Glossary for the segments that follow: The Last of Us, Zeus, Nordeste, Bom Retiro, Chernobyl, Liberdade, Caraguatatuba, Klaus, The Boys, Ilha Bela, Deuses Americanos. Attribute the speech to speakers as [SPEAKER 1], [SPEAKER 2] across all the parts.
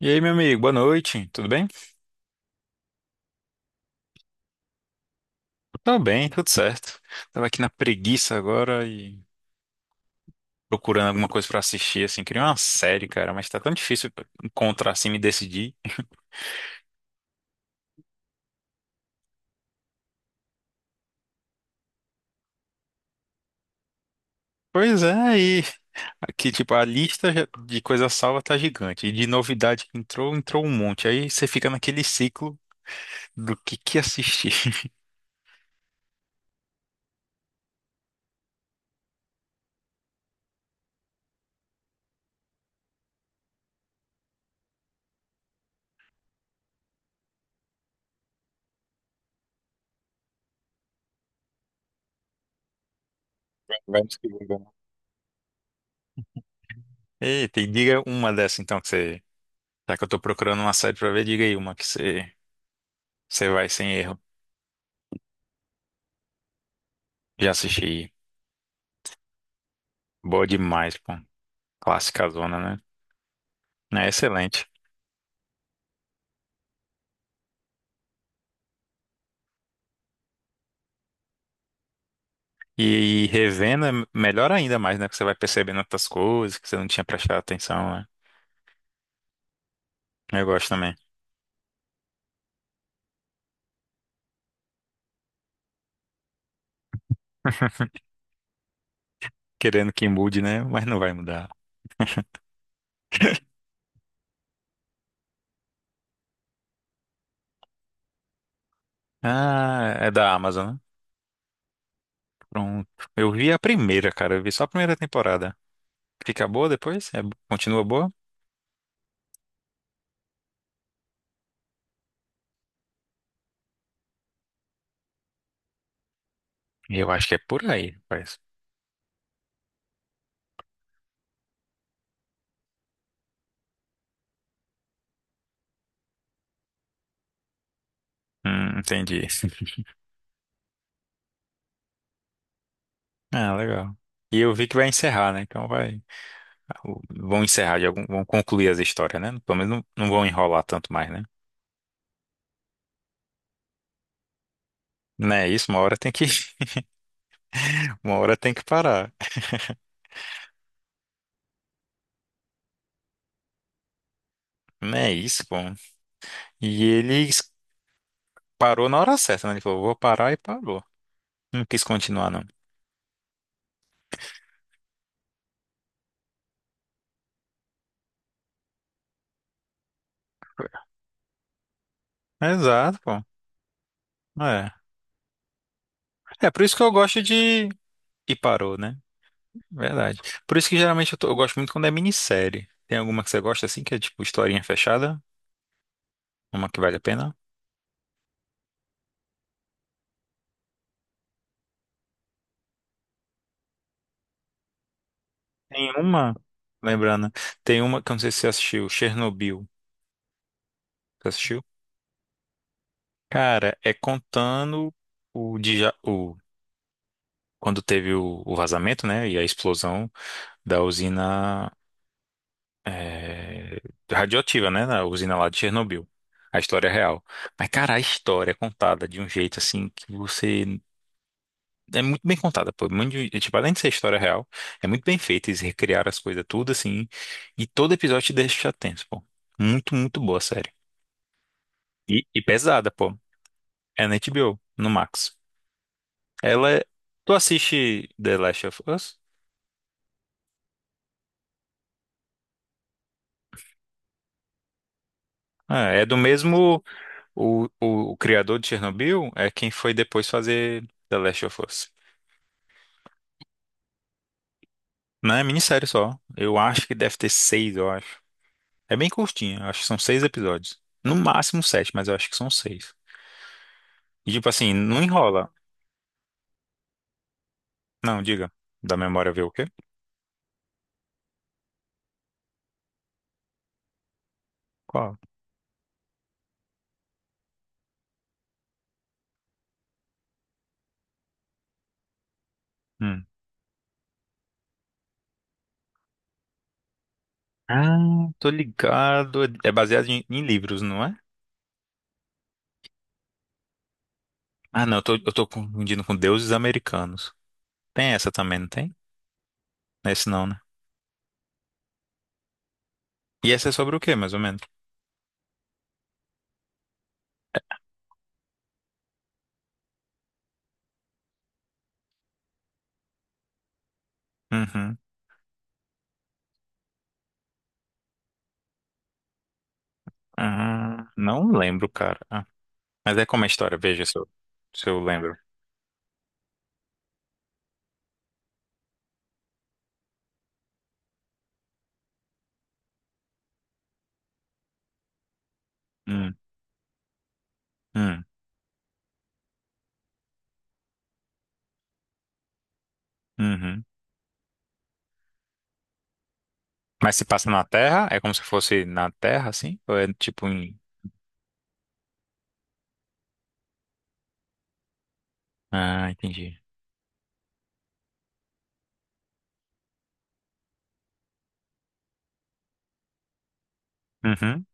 [SPEAKER 1] E aí, meu amigo, boa noite, tudo bem? Tá bem, tudo certo. Tava aqui na preguiça agora e procurando alguma coisa pra assistir, assim, queria uma série, cara, mas tá tão difícil encontrar, assim, me decidir. Pois é, e aqui, tipo, de coisa salva tá gigante, e de novidade que entrou, entrou um monte, aí você fica naquele ciclo do que assistir. Vai no segundo, né? Eita, e diga uma dessa, então, que você... Já que eu tô procurando uma série pra ver, diga aí uma que você vai sem erro. Já assisti, boa demais, pô. Clássica zona, né? É excelente. E revendo é melhor ainda mais, né? Que você vai percebendo outras coisas que você não tinha prestado atenção, né? Eu gosto também. Querendo que mude, né? Mas não vai mudar. Ah, é da Amazon, né? Pronto. Eu vi a primeira, cara. Eu vi só a primeira temporada. Fica boa depois? Continua boa? Eu acho que é por aí, rapaz. Entendi. Ah, legal. E eu vi que vai encerrar, né? Então vai. Vão encerrar de algum. Vão concluir as histórias, né? Pelo menos não vão enrolar tanto mais, né? Não é isso, uma hora tem que, uma hora tem que parar. Não é isso, pô. E ele parou na hora certa, né? Ele falou, vou parar e parou. Não quis continuar, não. Exato, pô. É. É por isso que eu gosto de. E parou, né? Verdade. Por isso que geralmente eu, eu gosto muito quando é minissérie. Tem alguma que você gosta assim, que é tipo historinha fechada? Uma que vale a pena? Tem uma, lembrando, tem uma que eu não sei se você assistiu, Chernobyl. Você assistiu? Cara, é contando o, quando teve o vazamento, né, e a explosão da usina eh, radioativa, né, da usina lá de Chernobyl. A história é real. Mas, cara, a história é contada de um jeito assim que você. É muito bem contada, pô. Muito, tipo, além de ser história real, é muito bem feita. Eles recriaram as coisas tudo assim. E todo episódio te deixa tenso, pô. Muito, muito boa a série. E pesada, pô. É na HBO, no Max. Ela é. Tu assiste The Last of Us? Ah, é do mesmo. O criador de Chernobyl é quem foi depois fazer The Last of Us. Não é minissérie só. Eu acho que deve ter seis, eu acho. É bem curtinha, eu acho que são seis episódios. No máximo sete, mas eu acho que são seis. E tipo assim, não enrola. Não, diga. Da memória ver o quê? Qual? Hum. Ah, tô ligado. É baseado em livros, não é? Ah, não, eu tô confundindo com Deuses Americanos. Tem essa também, não tem? Esse não, né? E essa é sobre o quê, mais ou menos? Uhum. Ah, não lembro, cara. Mas é como é a história, veja se eu lembro. Hum, hum, uhum. Mas se passa na Terra, é como se fosse na Terra, assim? Ou é tipo em... Ah, entendi. Uhum.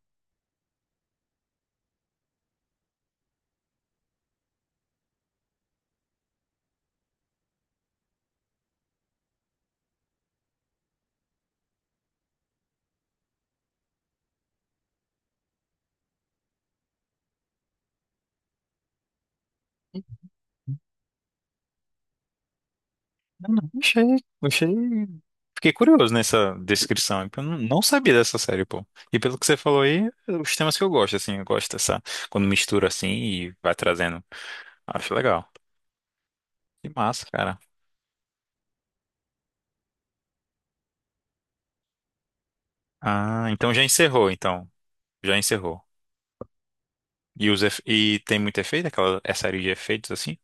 [SPEAKER 1] Não, não, achei... Fiquei curioso nessa descrição, porque eu não sabia dessa série, pô. E pelo que você falou aí, é os temas que eu gosto, assim, eu gosto dessa... Quando mistura, assim, e vai trazendo. Acho legal. Que massa, cara. Ah, então já encerrou, então. Já encerrou. E tem muito efeito, aquela é série de efeitos, assim?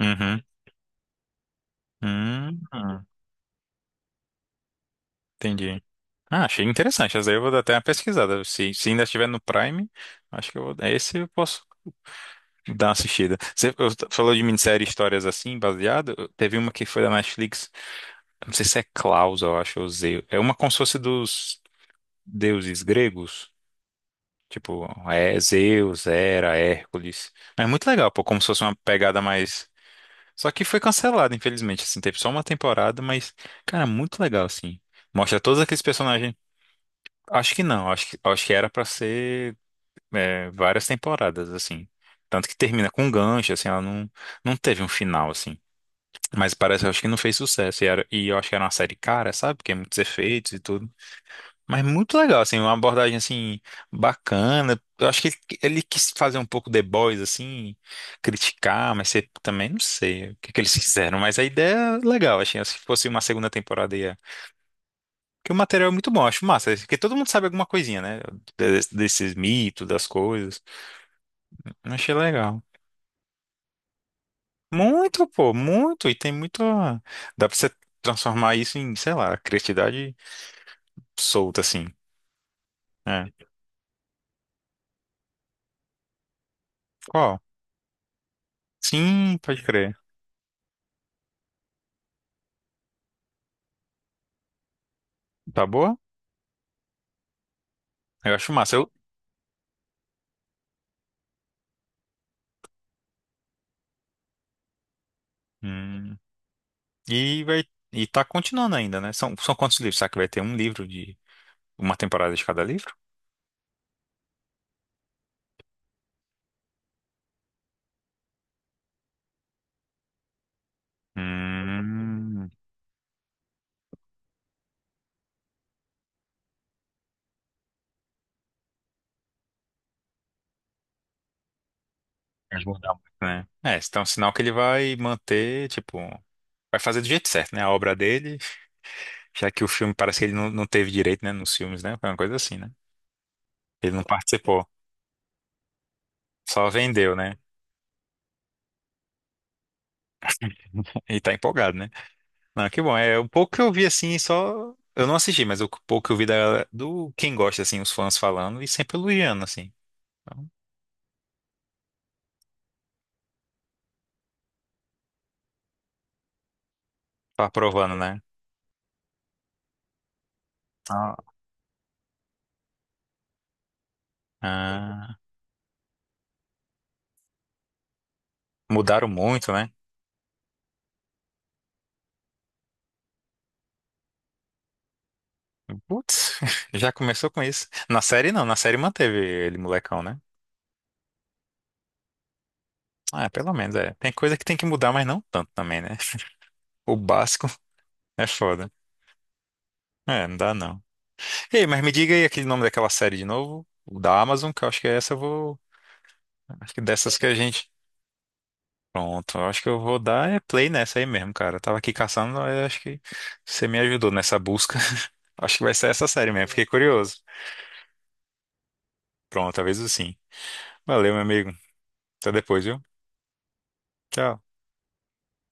[SPEAKER 1] Uhum. Hum, hum, entendi. Ah, achei interessante. Essa daí eu vou dar até uma pesquisada. Se ainda estiver no Prime, acho que eu vou. Esse eu posso dar uma assistida. Você falou de minissérie histórias assim, baseado. Teve uma que foi da Netflix. Não sei se é Klaus, eu acho, ou Zeus. É uma como se fosse dos deuses gregos. Tipo, é Zeus, Hera, Hércules. Mas é muito legal, pô, como se fosse uma pegada mais. Só que foi cancelada, infelizmente. Assim, teve só uma temporada, mas, cara, muito legal, assim. Mostra todos aqueles personagens. Acho que não, acho que era pra ser várias temporadas, assim. Tanto que termina com um gancho, assim, ela não teve um final, assim. Mas parece, acho que não fez sucesso. E eu acho que era uma série cara, sabe? Porque muitos efeitos e tudo. Mas muito legal, assim, uma abordagem, assim, bacana. Eu acho que ele quis fazer um pouco The Boys, assim, criticar, mas você também não sei o que, que eles fizeram. Mas a ideia é legal, achei. Se fosse uma segunda temporada, porque o material é muito bom, eu acho massa. Porque todo mundo sabe alguma coisinha, né? Desses mitos, das coisas. Eu achei legal. Muito, pô, muito. E tem muito. Dá pra você transformar isso em, sei lá, criatividade solta, assim. É. Qual? Sim, pode crer. Tá boa? Eu acho massa. Eu... Hum. E vai. E tá continuando ainda, né? São quantos livros? Será que vai ter um livro de. Uma temporada de cada livro? Hum. Vai mudar muito, né? É, então é um sinal que ele vai manter, tipo. Vai fazer do jeito certo, né? A obra dele, já que o filme parece que ele não teve direito, né? Nos filmes, né? Foi uma coisa assim, né? Ele não participou, só vendeu, né? E tá empolgado, né? Não, que bom. É o pouco que eu vi assim, só. Eu não assisti, mas o pouco que eu vi do quem gosta, assim, os fãs falando e sempre elogiando, assim. Então, tá aprovando, né? Tá. Ah, mudaram muito, né? Putz, já começou com isso. Na série não, na série manteve ele molecão, né? Ah, pelo menos, é. Tem coisa que tem que mudar, mas não tanto também, né? O básico. É foda. É, não dá não. Ei, mas me diga aí aquele nome daquela série de novo, o da Amazon, que eu acho que é essa eu vou. Acho que dessas que a gente. Pronto, eu acho que eu vou dar é play nessa aí mesmo, cara. Eu tava aqui caçando, mas eu acho que você me ajudou nessa busca. Acho que vai ser essa série mesmo, fiquei curioso. Pronto, talvez sim. Valeu, meu amigo. Até depois, viu? Tchau.